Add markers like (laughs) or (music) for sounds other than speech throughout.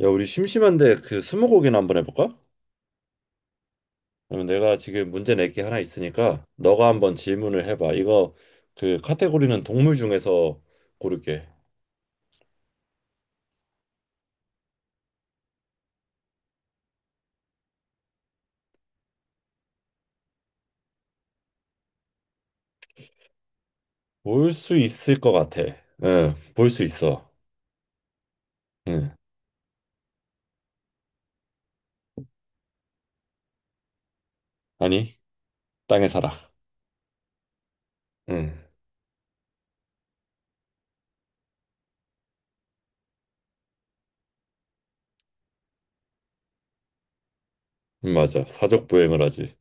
야, 우리 심심한데 그 스무고개나 한번 해볼까? 그러면 내가 지금 문제 낼 게 하나 있으니까 너가 한번 질문을 해봐. 이거 그 카테고리는 동물 중에서 고를게. 볼 수 있을 것 같아. 응, 볼 수 있어. 응, 아니 땅에 살아. 응, 응, 맞아. 사족 보행을 하지.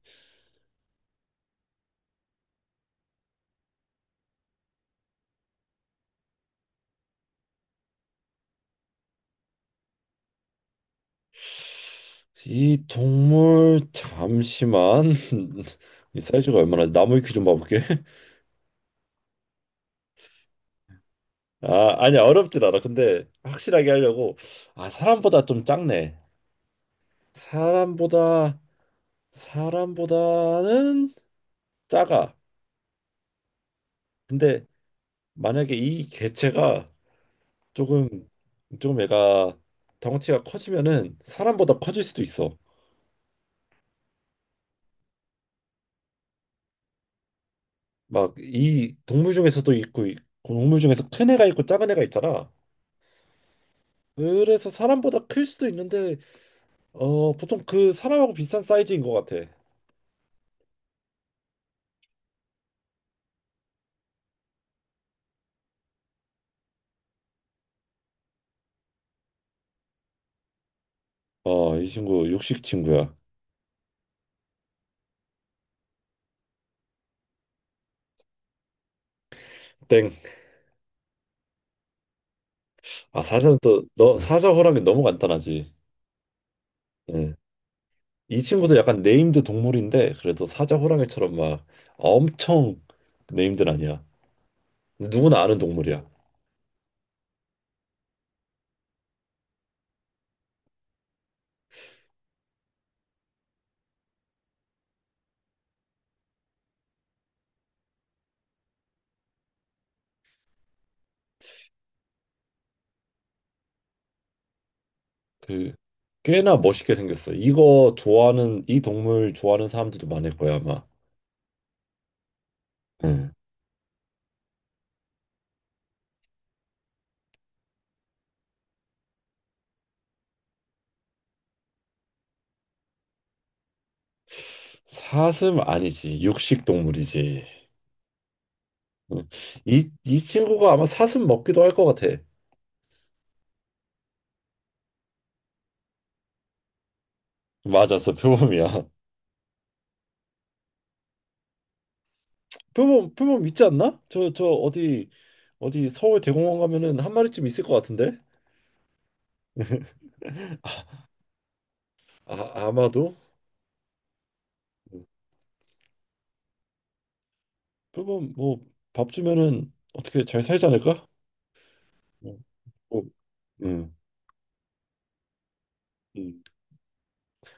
이 동물 잠시만 (laughs) 이 사이즈가 얼마나 나무 위키 좀 봐볼게. (laughs) 아, 아니 어렵진 않아. 근데 확실하게 하려고 아 사람보다 좀 작네. 사람보다 사람보다는 작아. 근데 만약에 이 개체가 조금 좀 애가 덩치가 커지면은 사람보다 커질 수도 있어. 막 이 동물 중에서도 있고 이 동물 중에서 큰 애가 있고 작은 애가 있잖아. 그래서 사람보다 클 수도 있는데 보통 그 사람하고 비슷한 사이즈인 것 같아. 이 친구 육식 친구야. 땡. 아 사자는 또 너 사자 호랑이 너무 간단하지. 예. 이 친구도 약간 네임드 동물인데 그래도 사자 호랑이처럼 막 엄청 네임드는 아니야. 누구나 아는 동물이야. 그 꽤나 멋있게 생겼어. 이거 좋아하는 이 동물 좋아하는 사람들도 많을 거야 아마. 응. 사슴 아니지 육식 동물이지. 응. 이 친구가 아마 사슴 먹기도 할 것 같아. 맞았어 표범이야. (laughs) 표범 있지 않나? 저 어디 어디 서울 대공원 가면은 한 마리쯤 있을 것 같은데? (laughs) 아, 아마도. 응. 그러면 뭐 밥 주면은 어떻게 잘 살지 않을까? 어, 어, 음, 음.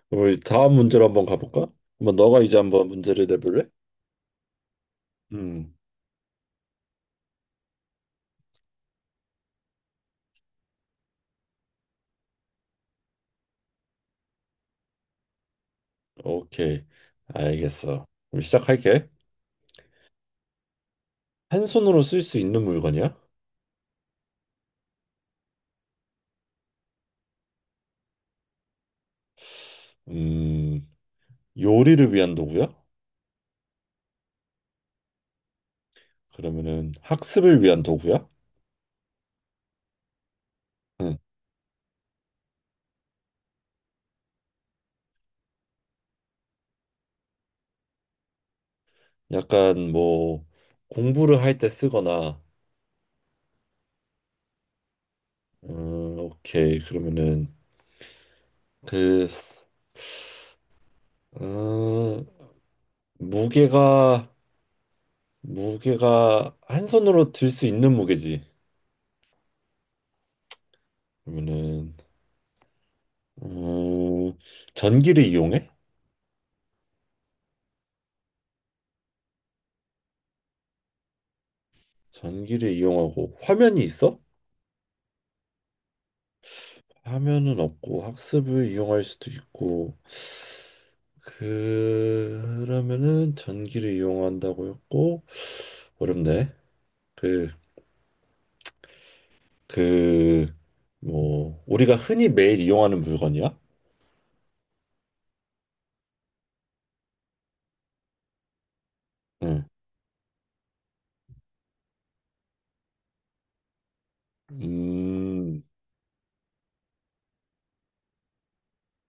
그럼 우리 다음 문제로 한번 가볼까? 한번 너가 이제 한번 문제를 내볼래? 음, 오케이, 알겠어. 그럼 시작할게. 한 손으로 쓸 수 있는 물건이야? 음, 요리를 위한 도구야? 그러면은 학습을 위한 도구야? 응. 약간 뭐 공부를 할 때 쓰거나, 오케이. 그러면은 그, 쓰- 음, 무게가 한 손으로 들 수 있는 무게지. 그러면은 음, 전기를 이용해? 전기를 이용하고 화면이 있어? 화면은 없고 학습을 이용할 수도 있고 그- 그러면은 전기를 이용한다고 했고 어렵네. 그 그 뭐 우리가 흔히 매일 이용하는 물건이야? 응. 음,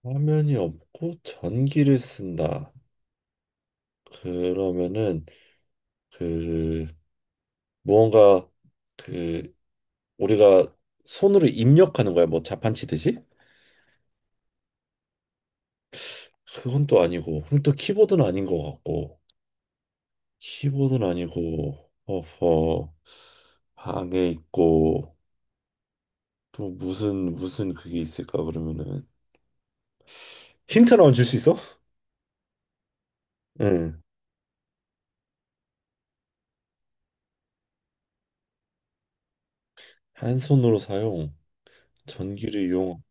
화면이 없고 전기를 쓴다. 그러면은 그 무언가 그 우리가 손으로 입력하는 거야 뭐 자판치듯이 그건 또 아니고 그럼 또 키보드는 아닌 것 같고 키보드는 아니고 어허 방에 있고 또 무슨 그게 있을까 그러면은 힌트 나만 줄 수 있어? 응. 한 손으로 사용 전기를 이용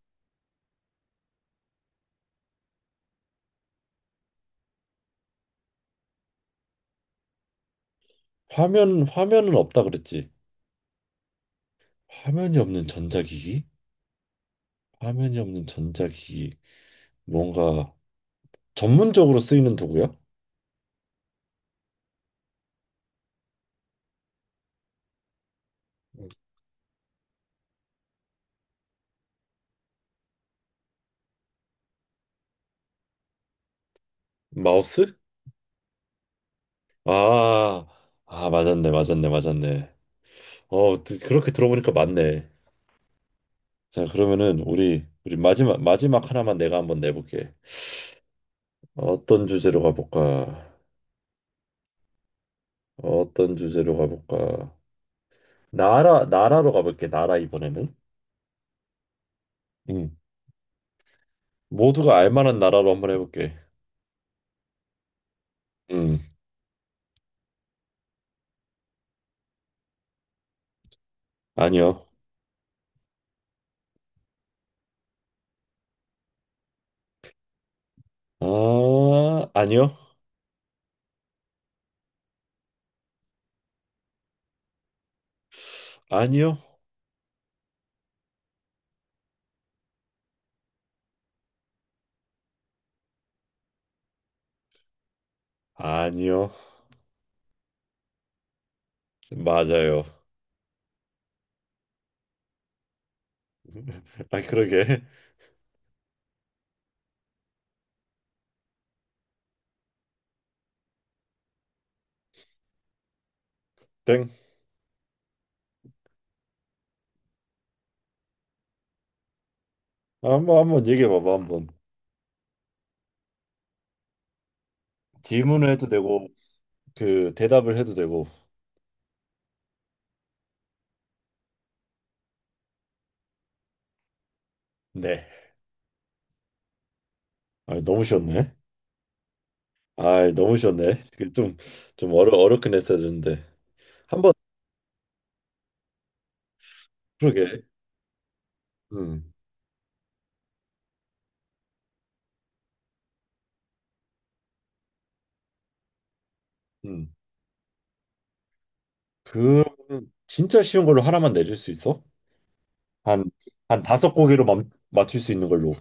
화면 화면은 없다 그랬지 화면이 없는 전자기기 화면이 없는 전자기기 뭔가 전문적으로 쓰이는 도구야? 마우스? 아, 아, 맞았네, 맞았네, 맞았네. 어, 그렇게 들어보니까 맞네. 자, 그러면은 우리 마지막 마지막 하나만 내가 한번 내볼게. 어떤 주제로 가볼까? 어떤 주제로 가볼까? 나라로 가볼게. 나라 이번에는. 음, 모두가 알 만한 나라로 한번 해볼게. 음, 아니요. 아, 아니요. 아니요. 아니요. 맞아요. (laughs) 아, 그러게. 땡. 한번 얘기해 봐봐 한번. 질문을 해도 되고 그 대답을 해도 되고 네 아, 너무 쉬웠네 아 너무 쉬웠네 좀좀 어려 어렵긴 했어야 되는데 한번 그러게 음, 음. 그러면 진짜 쉬운 걸로 하나만 내줄 수 있어? 한 한 다섯 고개로 맞출 수 있는 걸로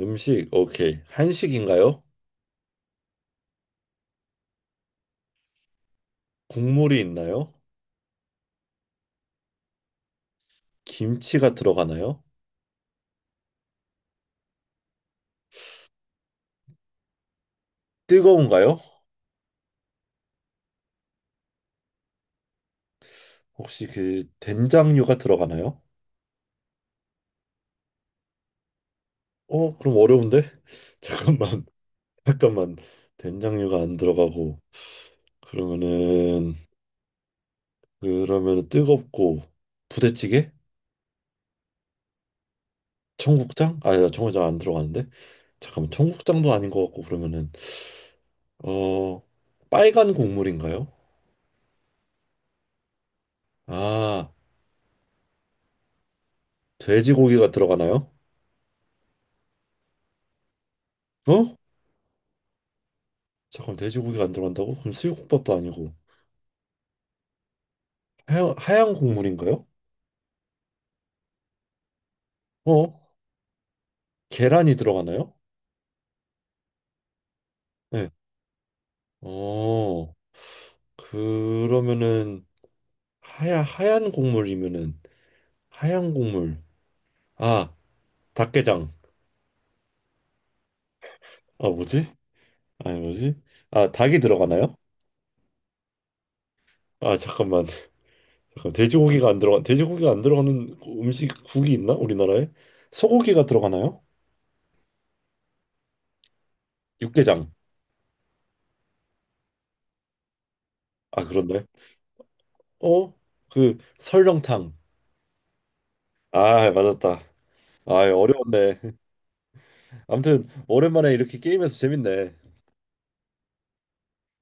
음식 오케이 한식인가요? 국물이 있나요? 김치가 들어가나요? 뜨거운가요? 혹시 그 된장류가 들어가나요? 어 그럼 어려운데 (laughs) 잠깐만 잠깐만 된장류가 안 들어가고 그러면은 그러면 은 뜨겁고 부대찌개? 청국장? 아, 야, 청국장 안 들어가는데 잠깐만 청국장도 아닌 것 같고 그러면은 어 빨간 국물인가요? 아 돼지고기가 들어가나요? 어? 잠깐 돼지고기가 안 들어간다고? 그럼 수육국밥도 아니고 하얀 국물인가요? 어? 계란이 들어가나요? 네. 어 그러면은 하 하얀 국물이면은 하얀 국물 아, 닭게장. 아, 뭐지? 아니, 뭐지? 아, 닭이 들어가나요? 아, 잠깐만. 잠깐, 돼지고기가 안 들어가는 음식, 국이 있나? 우리나라에? 소고기가 들어가나요? 육개장. 아, 그런데. 어? 그, 설렁탕. 아, 맞았다. 아, 어려웠네. 아무튼, 오랜만에 이렇게 게임해서 재밌네.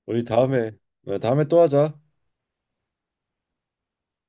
우리 다음에, 네, 다음에 또 하자.